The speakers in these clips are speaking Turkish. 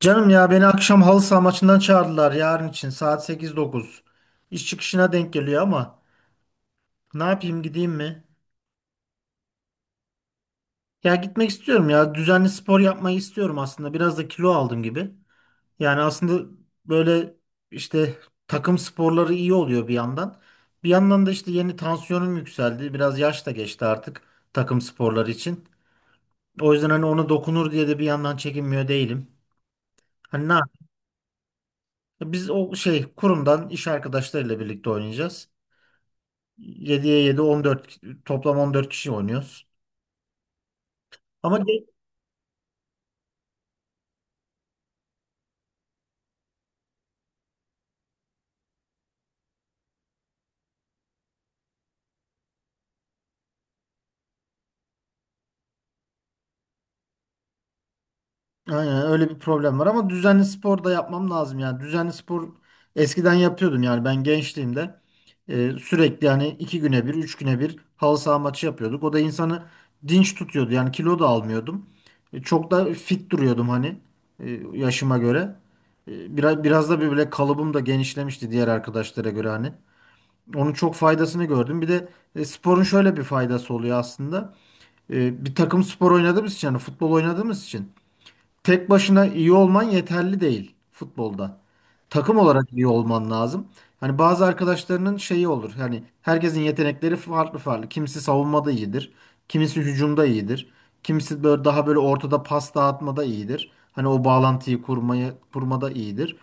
Canım, ya beni akşam halı saha maçından çağırdılar, yarın için saat sekiz dokuz. İş çıkışına denk geliyor ama ne yapayım, gideyim mi? Ya gitmek istiyorum, ya düzenli spor yapmayı istiyorum aslında, biraz da kilo aldım gibi. Yani aslında böyle işte takım sporları iyi oluyor bir yandan. Bir yandan da işte yeni tansiyonum yükseldi, biraz yaş da geçti artık takım sporları için. O yüzden hani ona dokunur diye de bir yandan çekinmiyor değilim. Hani ne yap- Biz o şey kurumdan iş arkadaşlarıyla birlikte oynayacağız. 7'ye 7, 14, toplam 14 kişi oynuyoruz. Ama ge- aynen öyle bir problem var ama düzenli spor da yapmam lazım yani. Düzenli spor eskiden yapıyordum, yani ben gençliğimde sürekli, yani iki güne bir, üç güne bir halı saha maçı yapıyorduk. O da insanı dinç tutuyordu. Yani kilo da almıyordum. Çok da fit duruyordum hani, yaşıma göre. Biraz da böyle kalıbım da genişlemişti diğer arkadaşlara göre hani. Onun çok faydasını gördüm. Bir de sporun şöyle bir faydası oluyor aslında. Bir takım spor oynadığımız için, yani futbol oynadığımız için tek başına iyi olman yeterli değil futbolda. Takım olarak iyi olman lazım. Hani bazı arkadaşlarının şeyi olur. Hani herkesin yetenekleri farklı farklı. Kimisi savunmada iyidir. Kimisi hücumda iyidir. Kimisi böyle daha böyle ortada pas dağıtmada iyidir. Hani o bağlantıyı kurmaya, kurmada iyidir.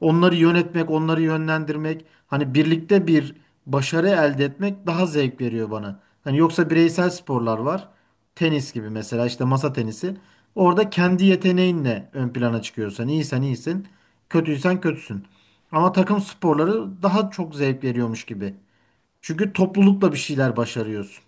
Onları yönetmek, onları yönlendirmek, hani birlikte bir başarı elde etmek daha zevk veriyor bana. Hani yoksa bireysel sporlar var. Tenis gibi mesela, işte masa tenisi. Orada kendi yeteneğinle ön plana çıkıyorsan, iyisen iyisin, kötüysen kötüsün. Ama takım sporları daha çok zevk veriyormuş gibi. Çünkü toplulukla bir şeyler başarıyorsun.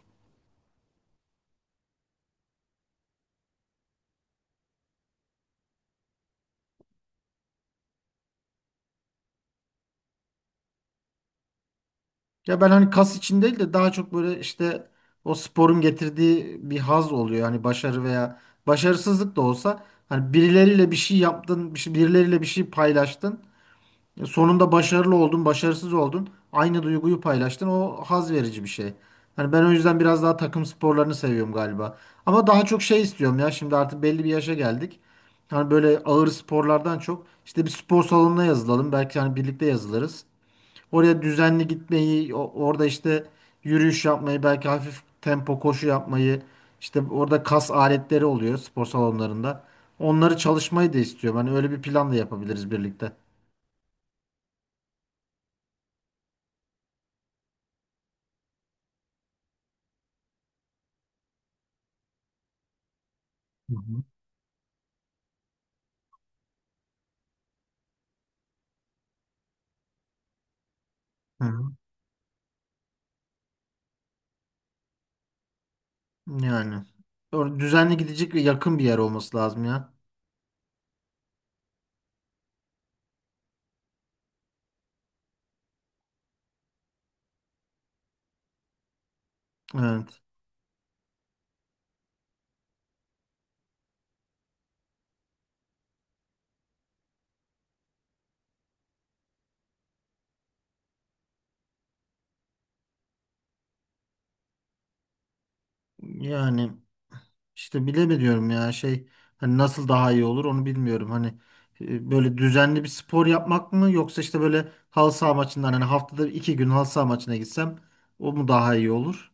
Ya ben hani kas için değil de daha çok böyle işte o sporun getirdiği bir haz oluyor. Hani başarı veya başarısızlık da olsa hani birileriyle bir şey yaptın, birileriyle bir şey paylaştın. Sonunda başarılı oldun, başarısız oldun. Aynı duyguyu paylaştın. O haz verici bir şey. Hani ben o yüzden biraz daha takım sporlarını seviyorum galiba. Ama daha çok şey istiyorum ya. Şimdi artık belli bir yaşa geldik. Hani böyle ağır sporlardan çok işte bir spor salonuna yazılalım. Belki hani birlikte yazılırız. Oraya düzenli gitmeyi, orada işte yürüyüş yapmayı, belki hafif tempo koşu yapmayı, işte orada kas aletleri oluyor spor salonlarında. Onları çalışmayı da istiyorum. Hani öyle bir plan da yapabiliriz birlikte. Hı hı. Hı hı. Yani düzenli gidecek ve yakın bir yer olması lazım ya. Evet. Yani işte bilemiyorum ya şey, hani nasıl daha iyi olur onu bilmiyorum. Hani böyle düzenli bir spor yapmak mı, yoksa işte böyle halı saha maçından, hani haftada iki gün halı saha maçına gitsem o mu daha iyi olur?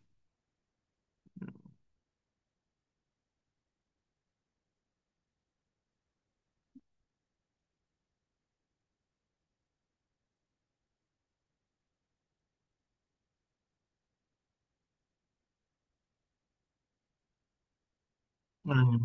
Yani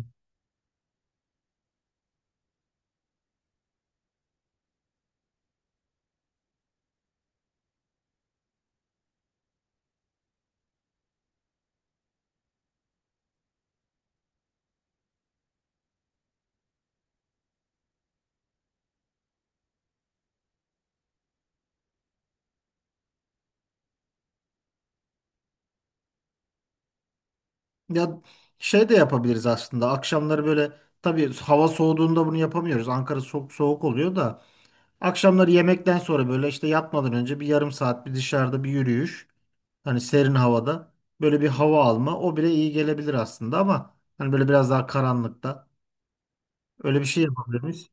ya şey de yapabiliriz aslında. Akşamları böyle, tabii hava soğuduğunda bunu yapamıyoruz. Ankara soğuk soğuk oluyor da, akşamları yemekten sonra böyle işte yatmadan önce bir yarım saat bir dışarıda bir yürüyüş. Hani serin havada böyle bir hava alma, o bile iyi gelebilir aslında, ama hani böyle biraz daha karanlıkta öyle bir şey yapabiliriz.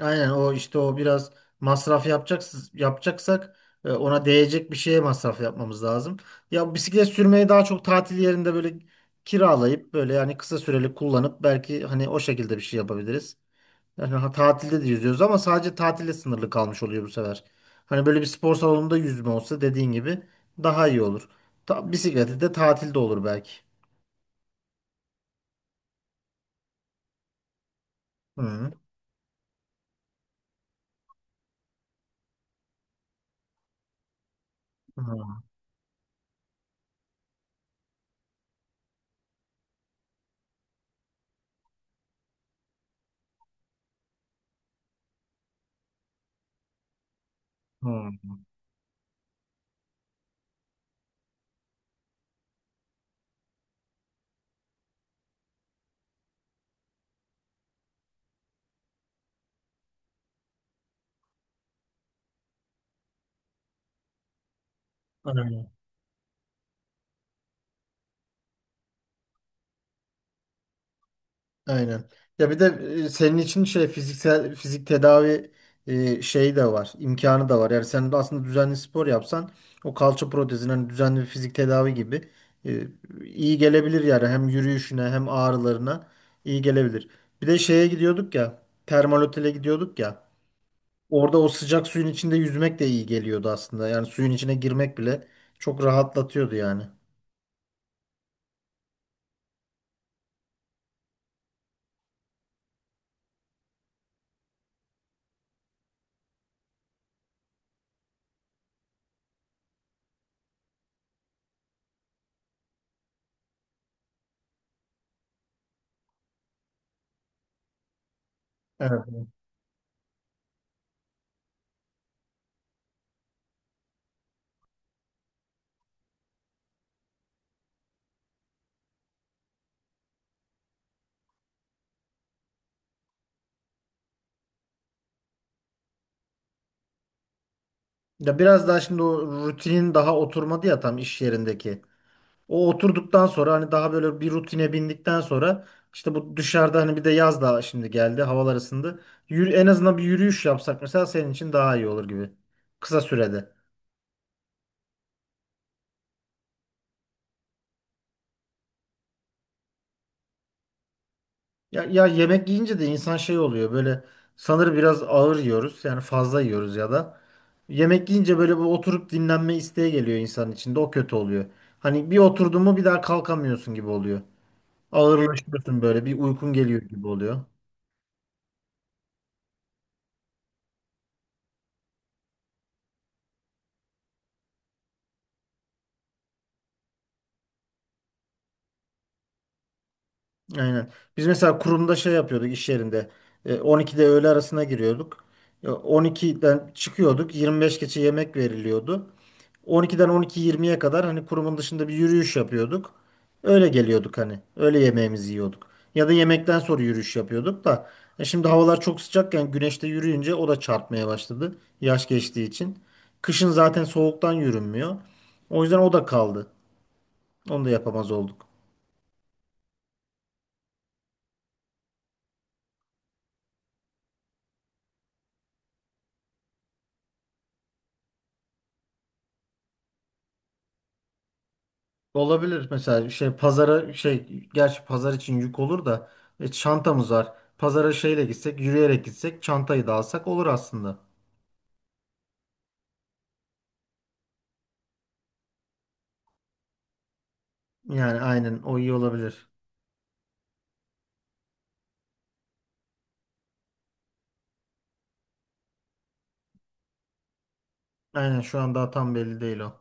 Aynen, o işte o biraz masraf yapacaksak, ona değecek bir şeye masraf yapmamız lazım. Ya bisiklet sürmeyi daha çok tatil yerinde böyle kiralayıp, böyle yani kısa süreli kullanıp, belki hani o şekilde bir şey yapabiliriz. Yani tatilde de yüzüyoruz ama sadece tatile sınırlı kalmış oluyor bu sefer. Hani böyle bir spor salonunda yüzme olsa, dediğin gibi, daha iyi olur. Ta bisikleti de tatilde olur belki. Hı. Hı. Hı. Aynen. Ya bir de senin için şey, fiziksel fizik tedavi şeyi de var, imkanı da var. Yani sen de aslında düzenli spor yapsan, o kalça protezine hani düzenli bir fizik tedavi gibi e, iyi gelebilir yani, hem yürüyüşüne hem ağrılarına iyi gelebilir. Bir de şeye gidiyorduk ya, termal otele gidiyorduk ya. Orada o sıcak suyun içinde yüzmek de iyi geliyordu aslında. Yani suyun içine girmek bile çok rahatlatıyordu yani. Evet. Ya biraz daha şimdi o rutinin daha oturmadı ya tam, iş yerindeki. O oturduktan sonra, hani daha böyle bir rutine bindikten sonra, işte bu dışarıda, hani bir de yaz daha şimdi geldi, havalar ısındı. Yürü, en azından bir yürüyüş yapsak mesela, senin için daha iyi olur gibi. Kısa sürede. Ya, ya yemek yiyince de insan şey oluyor böyle, sanır biraz ağır yiyoruz yani, fazla yiyoruz ya da. Yemek yiyince böyle bu oturup dinlenme isteği geliyor insanın içinde, o kötü oluyor. Hani bir oturdun mu bir daha kalkamıyorsun gibi oluyor. Ağırlaşıyorsun böyle, bir uykun geliyor gibi oluyor. Aynen. Biz mesela kurumda şey yapıyorduk iş yerinde. 12'de öğle arasına giriyorduk. 12'den çıkıyorduk. 25 geçe yemek veriliyordu. 12'den 12.20'ye kadar hani kurumun dışında bir yürüyüş yapıyorduk. Öyle geliyorduk hani. Öyle yemeğimizi yiyorduk. Ya da yemekten sonra yürüyüş yapıyorduk da. Şimdi havalar çok sıcakken güneşte yürüyünce o da çarpmaya başladı. Yaş geçtiği için. Kışın zaten soğuktan yürünmüyor. O yüzden o da kaldı. Onu da yapamaz olduk. Olabilir mesela şey pazara şey, gerçi pazar için yük olur da, çantamız var. Pazara şeyle gitsek, yürüyerek gitsek, çantayı da alsak olur aslında. Yani aynen o iyi olabilir. Aynen şu an daha tam belli değil o.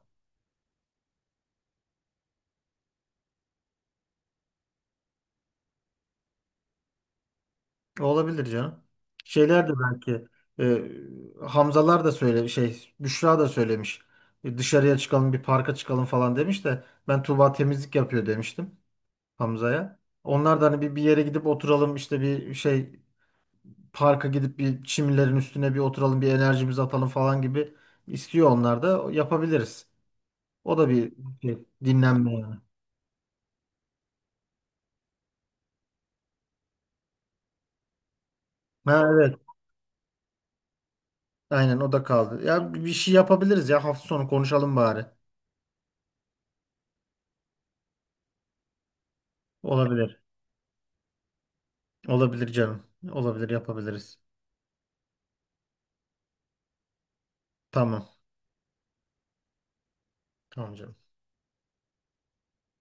Olabilir canım. Şeyler de belki Hamzalar da söyle şey Büşra da söylemiş. Dışarıya çıkalım, bir parka çıkalım falan demiş de ben Tuğba temizlik yapıyor demiştim Hamza'ya. Onlar da hani bir yere gidip oturalım, işte bir şey, parka gidip bir çimlerin üstüne bir oturalım, bir enerjimizi atalım falan gibi istiyor, onlar da yapabiliriz. O da bir şey, dinlenme yani. Ha, evet. Aynen o da kaldı. Ya bir şey yapabiliriz ya, hafta sonu konuşalım bari. Olabilir. Olabilir canım. Olabilir, yapabiliriz. Tamam. Tamam canım.